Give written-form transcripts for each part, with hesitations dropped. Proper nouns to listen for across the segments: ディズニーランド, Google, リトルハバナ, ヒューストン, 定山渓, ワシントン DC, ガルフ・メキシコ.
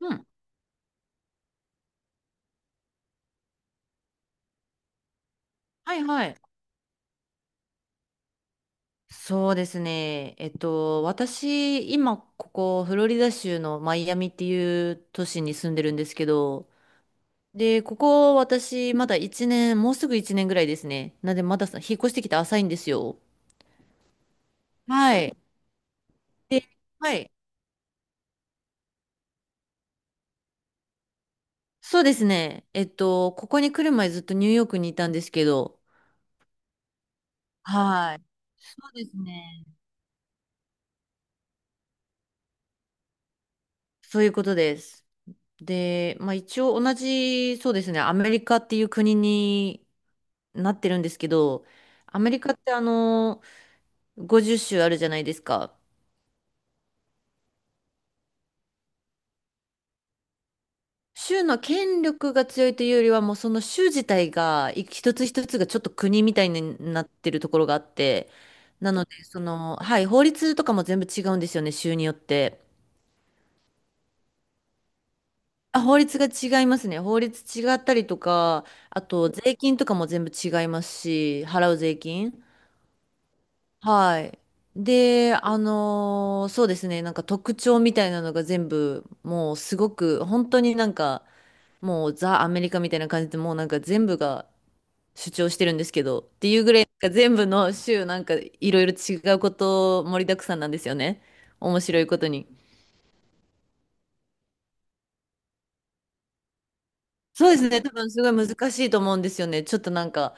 うん。はいはい。そうですね。私、今、ここ、フロリダ州のマイアミっていう都市に住んでるんですけど、で、ここ、私、まだ1年、もうすぐ1年ぐらいですね。なんで、まださ引っ越してきて浅いんですよ。はい。で、はい。そうですね。ここに来る前ずっとニューヨークにいたんですけど、はい。そうですね。そういうことです。で、まあ一応同じ、そうですね、アメリカっていう国になってるんですけど、アメリカって50州あるじゃないですか。州の権力が強いというよりは、もうその州自体が、一つ一つがちょっと国みたいになってるところがあって、なので、はい、法律とかも全部違うんですよね、州によって。あ、法律が違いますね。法律違ったりとか、あと税金とかも全部違いますし、払う税金。はい。で、そうですね、なんか特徴みたいなのが全部、もうすごく、本当になんか、もうザ・アメリカみたいな感じで、もうなんか全部が主張してるんですけど、っていうぐらい、なんか全部の州、なんかいろいろ違うこと盛りだくさんなんですよね。面白いことに。そうですね、多分すごい難しいと思うんですよね。ちょっとなんか、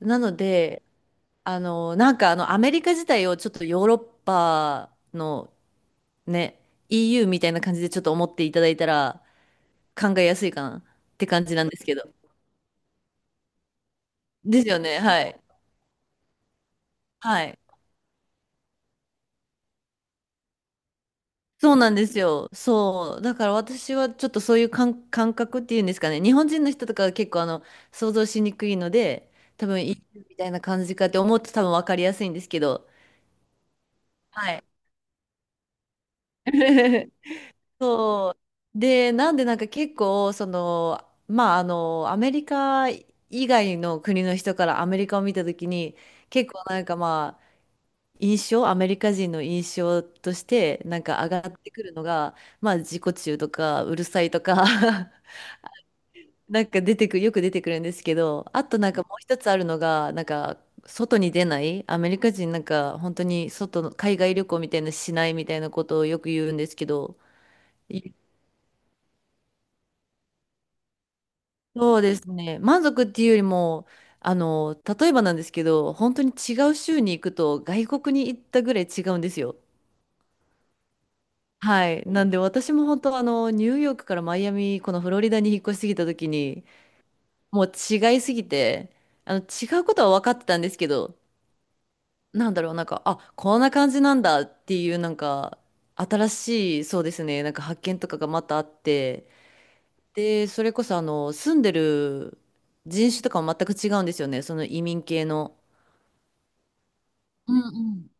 なので、なんかアメリカ自体をちょっとヨーロッパのね、EU みたいな感じでちょっと思っていただいたら考えやすいかなって感じなんですけど。ですよね、はい。はい。そうなんですよ。そう。だから私はちょっとそういう感覚っていうんですかね。日本人の人とかは結構想像しにくいので、多分 EU みたいな感じかって思うと多分分かりやすいんですけど。はい。そう。で、なんでなんか結構、まあ、アメリカ以外の国の人からアメリカを見たときに、結構なんかまあ、印象、アメリカ人の印象として、なんか上がってくるのが、まあ、自己中とか、うるさいとか なんか出てくる、よく出てくるんですけど、あとなんかもう一つあるのが、なんか、外に出ない、アメリカ人なんか、本当に外の、海外旅行みたいなのしないみたいなことをよく言うんですけど、そうですね。満足っていうよりも、あの、例えばなんですけど、本当に違う州に行くと外国に行ったぐらい違うんですよ。はい。なんで私も本当ニューヨークからマイアミ、このフロリダに引っ越しすぎた時に、もう違いすぎて、違うことは分かってたんですけど、なんだろう、なんか、あ、こんな感じなんだっていう、なんか、新しい、そうですね、なんか発見とかがまたあって、で、それこそ住んでる人種とかも全く違うんですよね。その移民系の。うんうん。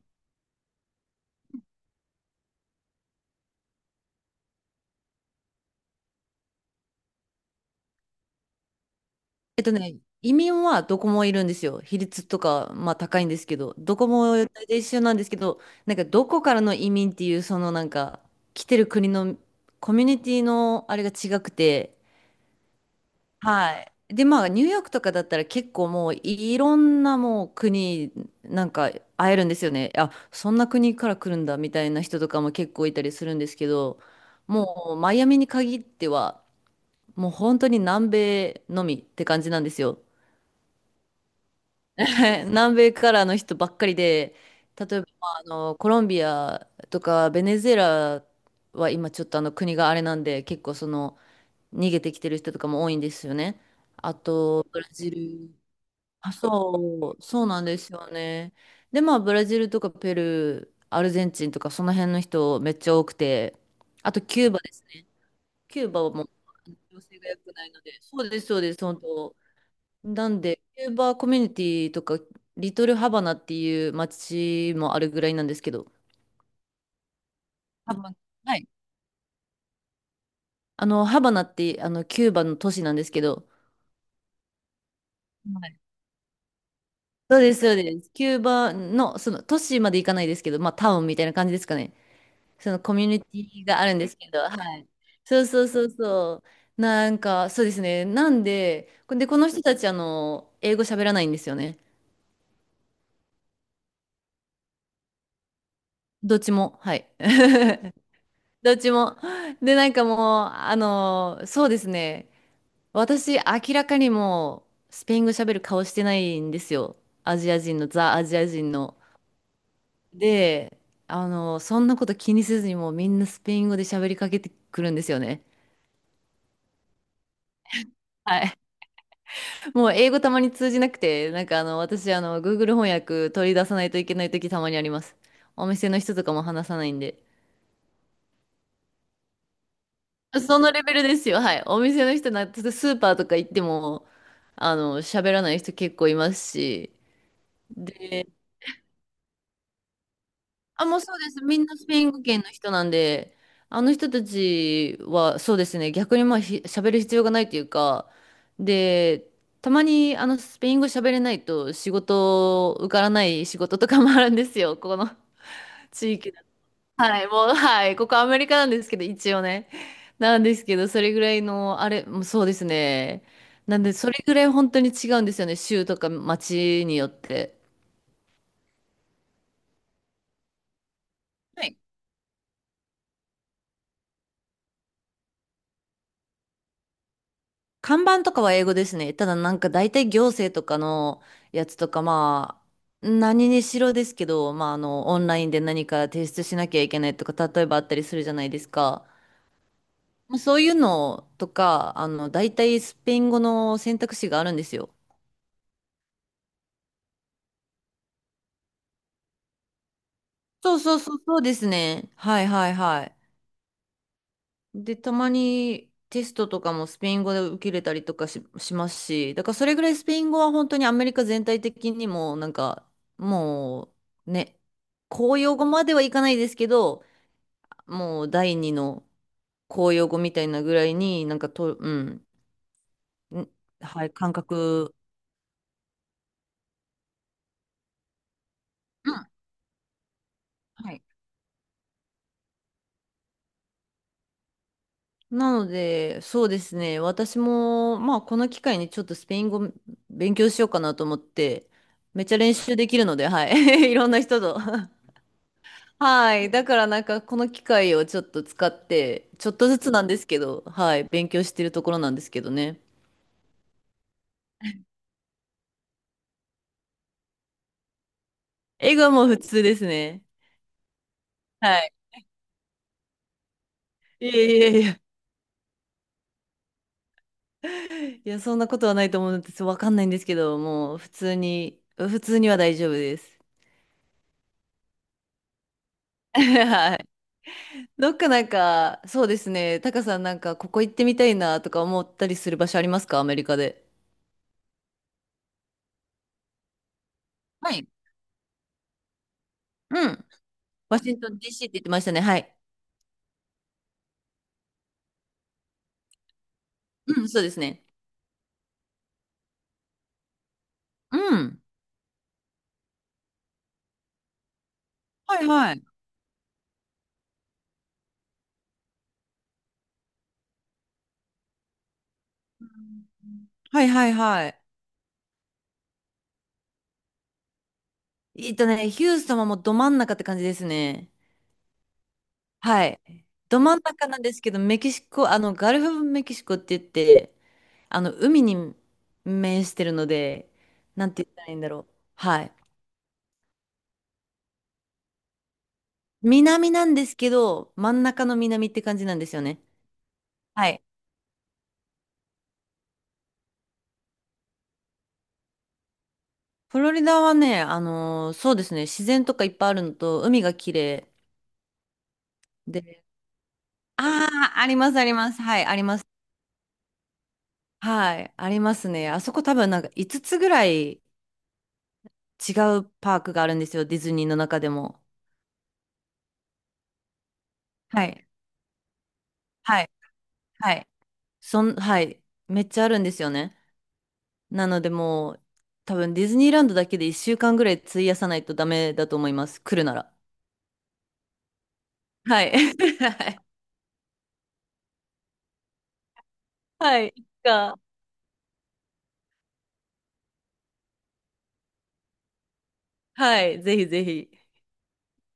移民はどこもいるんですよ。比率とか、まあ高いんですけど、どこも大体一緒なんですけど、なんかどこからの移民っていう、なんか、来てる国のコミュニティのあれが違くて、はい。で、まあ、ニューヨークとかだったら結構もういろんなもう国なんか会えるんですよね。あ、そんな国から来るんだみたいな人とかも結構いたりするんですけど、もうマイアミに限ってはもう本当に南米のみって感じなんですよ。南米からの人ばっかりで、例えばまあコロンビアとかベネズエラは今ちょっとあの国があれなんで結構逃げてきてる人とかも多いんですよね。あとブラジル、あ、そう、そうなんですよね。で、まあ、ブラジルとかペルー、アルゼンチンとか、その辺の人めっちゃ多くて、あとキューバですね。キューバはもう、情勢が良くないので、そうです、そうです、本当。なんで、キューバコミュニティとか、リトルハバナっていう街もあるぐらいなんですけど、ハバナ、はい。ハバナって、キューバの都市なんですけど、はい、そうです、そうです。キューバの、都市まで行かないですけど、まあ、タウンみたいな感じですかね。そのコミュニティがあるんですけど、はい。そうそうそうそう。なんか、そうですね。なんで、で、この人たち、英語喋らないんですよね。どっちも。はい。どっちも。で、なんかもう、そうですね。私、明らかにもう、スペイン語喋る顔してないんですよ。アジア人の、ザ・アジア人の。で、そんなこと気にせずに、もうみんなスペイン語で喋りかけてくるんですよね。はい、もう英語たまに通じなくて、なんか私、Google 翻訳取り出さないといけない時たまにあります。お店の人とかも話さないんで。そのレベルですよ、はい。お店の人な、スーパーとか行っても、喋らない人結構いますし。で、あ、もうそうです。みんなスペイン語圏の人なんで、あの人たちは、そうですね、逆にまあ、喋る必要がないというか、で、たまにスペイン語喋れないと仕事受からない仕事とかもあるんですよ。ここの地域だ。はい、もう、はい、ここアメリカなんですけど、一応ね。なんですけど、それぐらいの、あれ、もうそうですね。なんで、それぐらい本当に違うんですよね、州とか町によって。はい、看板とかは英語ですね。ただなんか大体行政とかのやつとかまあ何にしろですけど、まあオンラインで何か提出しなきゃいけないとか例えばあったりするじゃないですか。まあそういうのとか、大体スペイン語の選択肢があるんですよ。そうそうそう、そうですね。はいはいはい。で、たまにテストとかもスペイン語で受けれたりとかしますし、だからそれぐらいスペイン語は本当にアメリカ全体的にも、なんか、もうね、公用語まではいかないですけど、もう第二の公用語みたいなぐらいになんかと、うん、ん、はい、感覚、うん、はい、なので、そうですね。私も、まあ、この機会にちょっとスペイン語勉強しようかなと思って、めっちゃ練習できるので、はい。いろんな人と。はい。だからなんか、この機会をちょっと使って、ちょっとずつなんですけど、はい。勉強してるところなんですけどね。英語はもう普通ですね。はい。いやいやいや。いや、そんなことはないと思うんです。わかんないんですけど、もう普通に、普通には大丈夫です。はい。どっかなんか、そうですね、タカさんなんか、ここ行ってみたいなとか思ったりする場所ありますかアメリカで。はい。うん。ワシントン DC って言ってましたね。はい。うん、そうですね。うん。はいはい。はいはいはい。ヒューストンはもうど真ん中って感じですね。はい。ど真ん中なんですけど、メキシコ、ガルフ・メキシコって言って、海に面してるので、なんて言ったらいいんだろう。はい。南なんですけど、真ん中の南って感じなんですよね。はい、フロリダはね、そうですね、自然とかいっぱいあるのと、海が綺麗で、ああ、あります、あります。はい、あります。はい、ありますね。あそこ多分なんか5つぐらい違うパークがあるんですよ、ディズニーの中でも。はい、はい、はい。はい、めっちゃあるんですよね。なのでもう、多分ディズニーランドだけで1週間ぐらい費やさないとダメだと思います、来るなら。はい。はい。はい。いつか、はい、ぜひぜひ。